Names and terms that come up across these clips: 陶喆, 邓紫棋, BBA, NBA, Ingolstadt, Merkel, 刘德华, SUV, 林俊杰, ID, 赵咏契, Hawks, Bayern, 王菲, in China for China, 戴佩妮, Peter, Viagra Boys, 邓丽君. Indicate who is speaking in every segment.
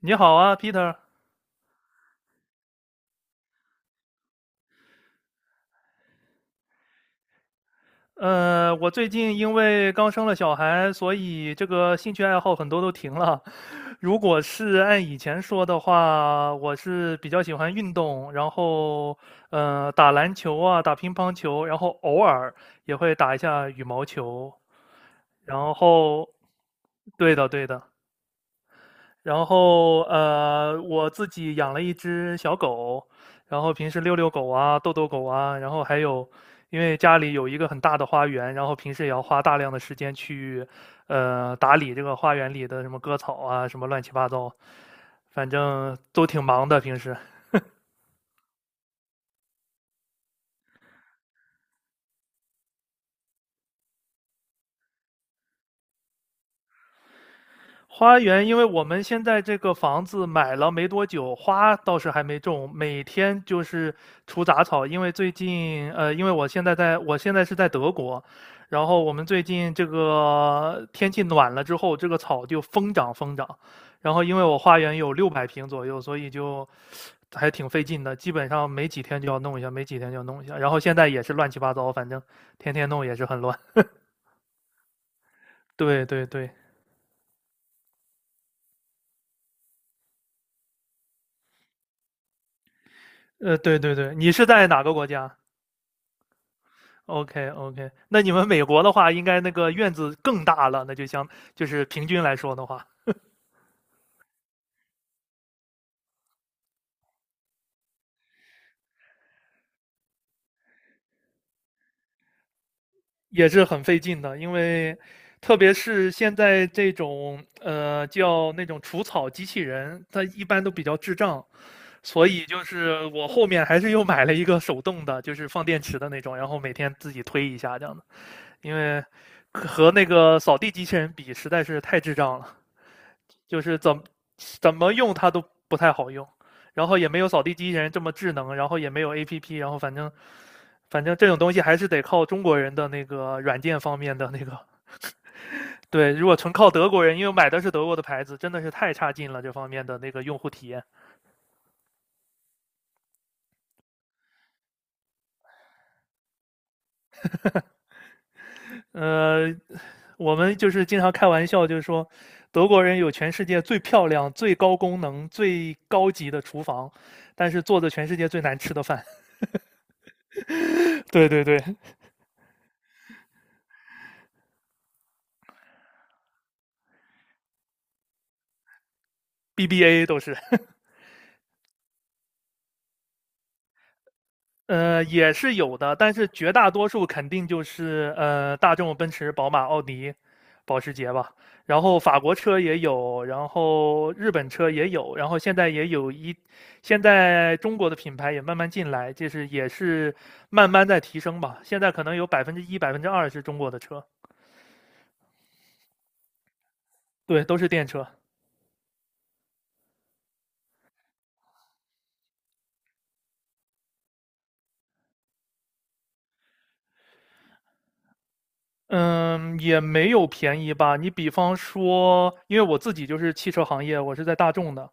Speaker 1: 你好啊，Peter。我最近因为刚生了小孩，所以这个兴趣爱好很多都停了。如果是按以前说的话，我是比较喜欢运动，然后打篮球啊，打乒乓球，然后偶尔也会打一下羽毛球。然后，对的对的，然后我自己养了一只小狗，然后平时遛遛狗啊，逗逗狗啊，然后还有，因为家里有一个很大的花园，然后平时也要花大量的时间去打理这个花园里的什么割草啊，什么乱七八糟，反正都挺忙的平时。花园，因为我们现在这个房子买了没多久，花倒是还没种，每天就是除杂草。因为最近，因为我现在是在德国，然后我们最近这个天气暖了之后，这个草就疯长疯长。然后因为我花园有600平左右，所以就还挺费劲的，基本上没几天就要弄一下，没几天就要弄一下。然后现在也是乱七八糟，反正天天弄也是很乱。对对对，对对对，你是在哪个国家？OK OK,那你们美国的话，应该那个院子更大了，那就相就是平均来说的话，也是很费劲的，因为特别是现在这种叫那种除草机器人，它一般都比较智障，所以就是我后面还是又买了一个手动的，就是放电池的那种，然后每天自己推一下这样的，因为和那个扫地机器人比，实在是太智障了。就是怎么用它都不太好用，然后也没有扫地机器人这么智能，然后也没有 A P P，然后反正这种东西还是得靠中国人的那个软件方面的那个。对，如果纯靠德国人，因为买的是德国的牌子，真的是太差劲了这方面的那个用户体验。呃，我们就是经常开玩笑，就是说德国人有全世界最漂亮、最高功能、最高级的厨房，但是做的全世界最难吃的饭。对对对，BBA 都是。也是有的，但是绝大多数肯定就是大众、奔驰、宝马、奥迪、保时捷吧。然后法国车也有，然后日本车也有，然后现在也有一，现在中国的品牌也慢慢进来，就是也是慢慢在提升吧。现在可能有1%、2%是中国的车，对，都是电车。嗯，也没有便宜吧。你比方说，因为我自己就是汽车行业，我是在大众的，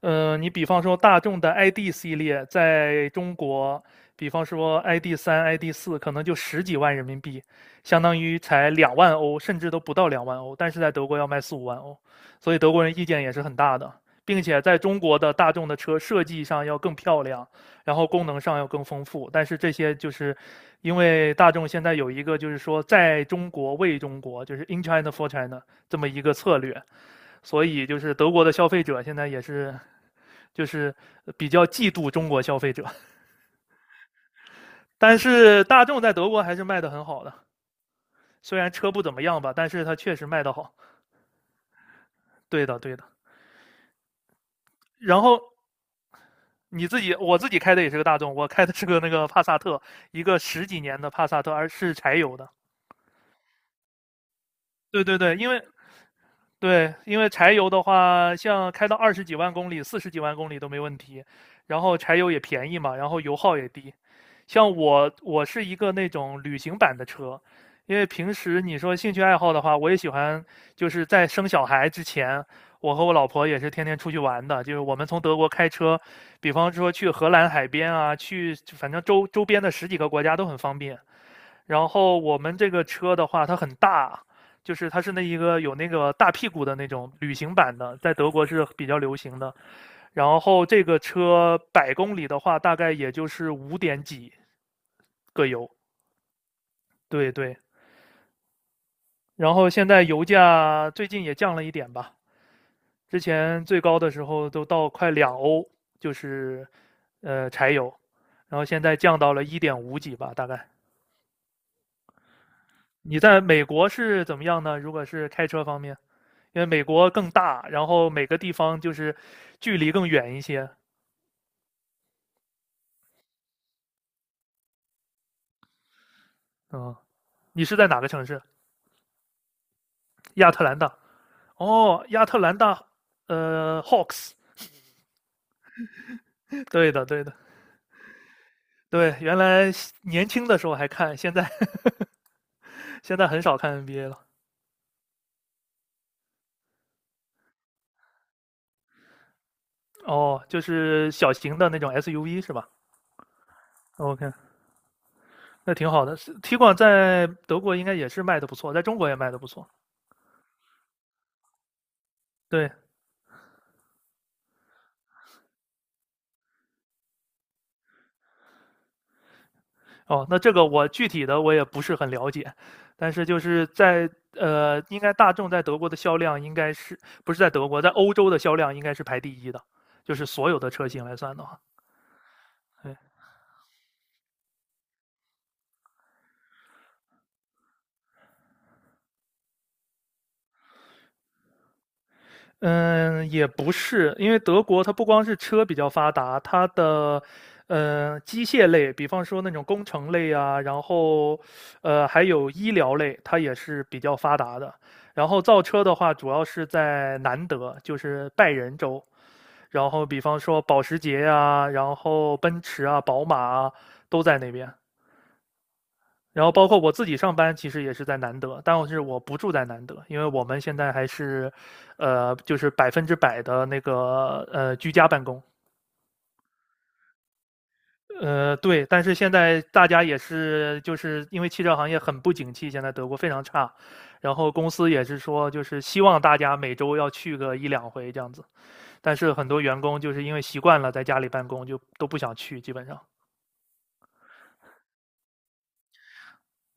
Speaker 1: 你比方说大众的 ID 系列，在中国，比方说 ID 三、ID 四，可能就十几万人民币，相当于才两万欧，甚至都不到两万欧，但是在德国要卖4、5万欧，所以德国人意见也是很大的，并且在中国的大众的车设计上要更漂亮，然后功能上要更丰富，但是这些就是因为大众现在有一个就是说在中国为中国，就是 in China for China 这么一个策略，所以就是德国的消费者现在也是。就是比较嫉妒中国消费者。但是大众在德国还是卖的很好的，虽然车不怎么样吧，但是它确实卖的好。对的，对的。然后你自己，我自己开的也是个大众，我开的是个那个帕萨特，一个十几年的帕萨特，而是柴油的。对对对，对，因为柴油的话，像开到二十几万公里、四十几万公里都没问题，然后柴油也便宜嘛，然后油耗也低。像我，我是一个那种旅行版的车，因为平时你说兴趣爱好的话，我也喜欢，就是在生小孩之前，我和我老婆也是天天出去玩的，就是我们从德国开车，比方说去荷兰海边啊，去反正周周边的十几个国家都很方便。然后我们这个车的话，它很大，就是它是那一个有那个大屁股的那种旅行版的，在德国是比较流行的。然后这个车百公里的话，大概也就是五点几。各油，对对。然后现在油价最近也降了一点吧，之前最高的时候都到快2欧，就是柴油，然后现在降到了一点五几吧，大概。你在美国是怎么样呢？如果是开车方面，因为美国更大，然后每个地方就是距离更远一些。嗯，你是在哪个城市？亚特兰大。哦，亚特兰大，Hawks。对的，对的，对。原来年轻的时候还看，现在很少看 NBA 了。哦，就是小型的那种 SUV 是吧？OK，那挺好的。是 t i 在德国应该也是卖的不错，在中国也卖的不错。对，哦，那这个我具体的我也不是很了解，但是就是在应该大众在德国的销量应该是不是在德国，在欧洲的销量应该是排第一的，就是所有的车型来算的话，对。嗯，也不是，因为德国它不光是车比较发达，它的机械类，比方说那种工程类啊，然后还有医疗类，它也是比较发达的。然后造车的话，主要是在南德，就是拜仁州。然后比方说保时捷呀，然后奔驰啊、宝马啊，都在那边。然后包括我自己上班，其实也是在南德，但是我不住在南德，因为我们现在还是，就是100%的那个居家办公。对，但是现在大家也是，就是因为汽车行业很不景气，现在德国非常差，然后公司也是说，就是希望大家每周要去个一两回这样子，但是很多员工就是因为习惯了在家里办公，就都不想去，基本上。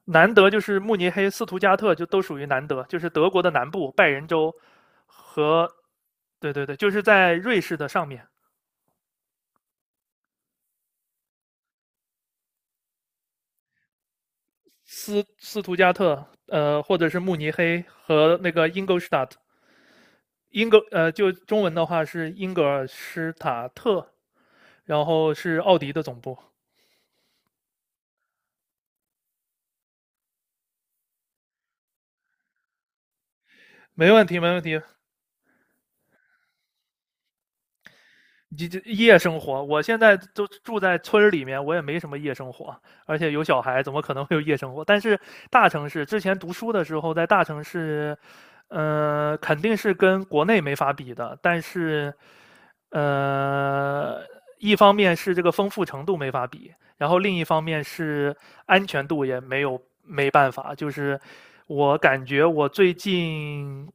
Speaker 1: 南德就是慕尼黑、斯图加特，就都属于南德，就是德国的南部，拜仁州和，对对对，就是在瑞士的上面，斯图加特，或者是慕尼黑和那个英格施塔特，就中文的话是英格尔施塔特，然后是奥迪的总部。没问题，没问题，这夜生活，我现在都住在村儿里面，我也没什么夜生活，而且有小孩，怎么可能会有夜生活？但是大城市，之前读书的时候在大城市，肯定是跟国内没法比的。但是，呃，一方面是这个丰富程度没法比，然后另一方面是安全度也没办法。就是我感觉我最近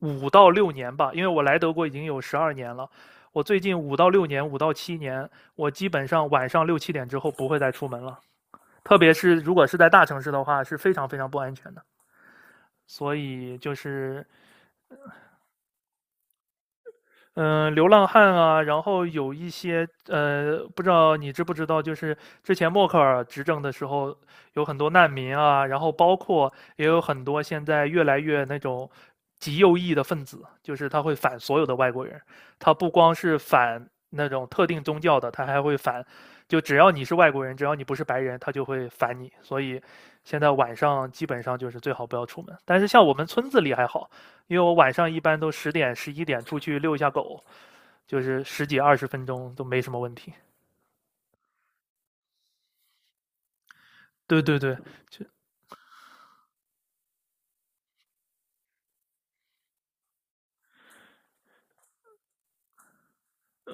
Speaker 1: 五到六年吧，因为我来德国已经有12年了。我最近五到六年，5到7年，我基本上晚上6、7点之后不会再出门了。特别是如果是在大城市的话，是非常非常不安全的。所以就是嗯，流浪汉啊，然后有一些不知道你知不知道，就是之前默克尔执政的时候，有很多难民啊，然后包括也有很多现在越来越那种极右翼的分子，就是他会反所有的外国人，他不光是反那种特定宗教的，他还会反，就只要你是外国人，只要你不是白人，他就会反你。所以现在晚上基本上就是最好不要出门。但是像我们村子里还好，因为我晚上一般都10点、11点出去遛一下狗，就是十几二十分钟都没什么问题。对对对，就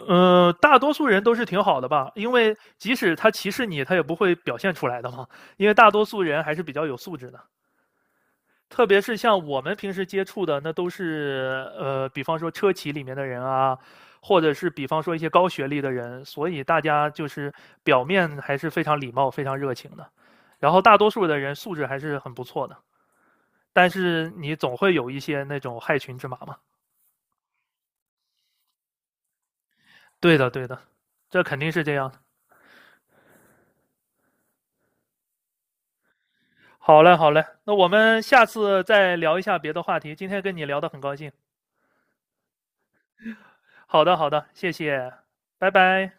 Speaker 1: 大多数人都是挺好的吧，因为即使他歧视你，他也不会表现出来的嘛。因为大多数人还是比较有素质的，特别是像我们平时接触的，那都是比方说车企里面的人啊，或者是比方说一些高学历的人，所以大家就是表面还是非常礼貌、非常热情的，然后大多数的人素质还是很不错的。但是你总会有一些那种害群之马嘛。对的，对的，这肯定是这样的。好嘞，好嘞，那我们下次再聊一下别的话题。今天跟你聊得很高兴。好的，好的，谢谢，拜拜。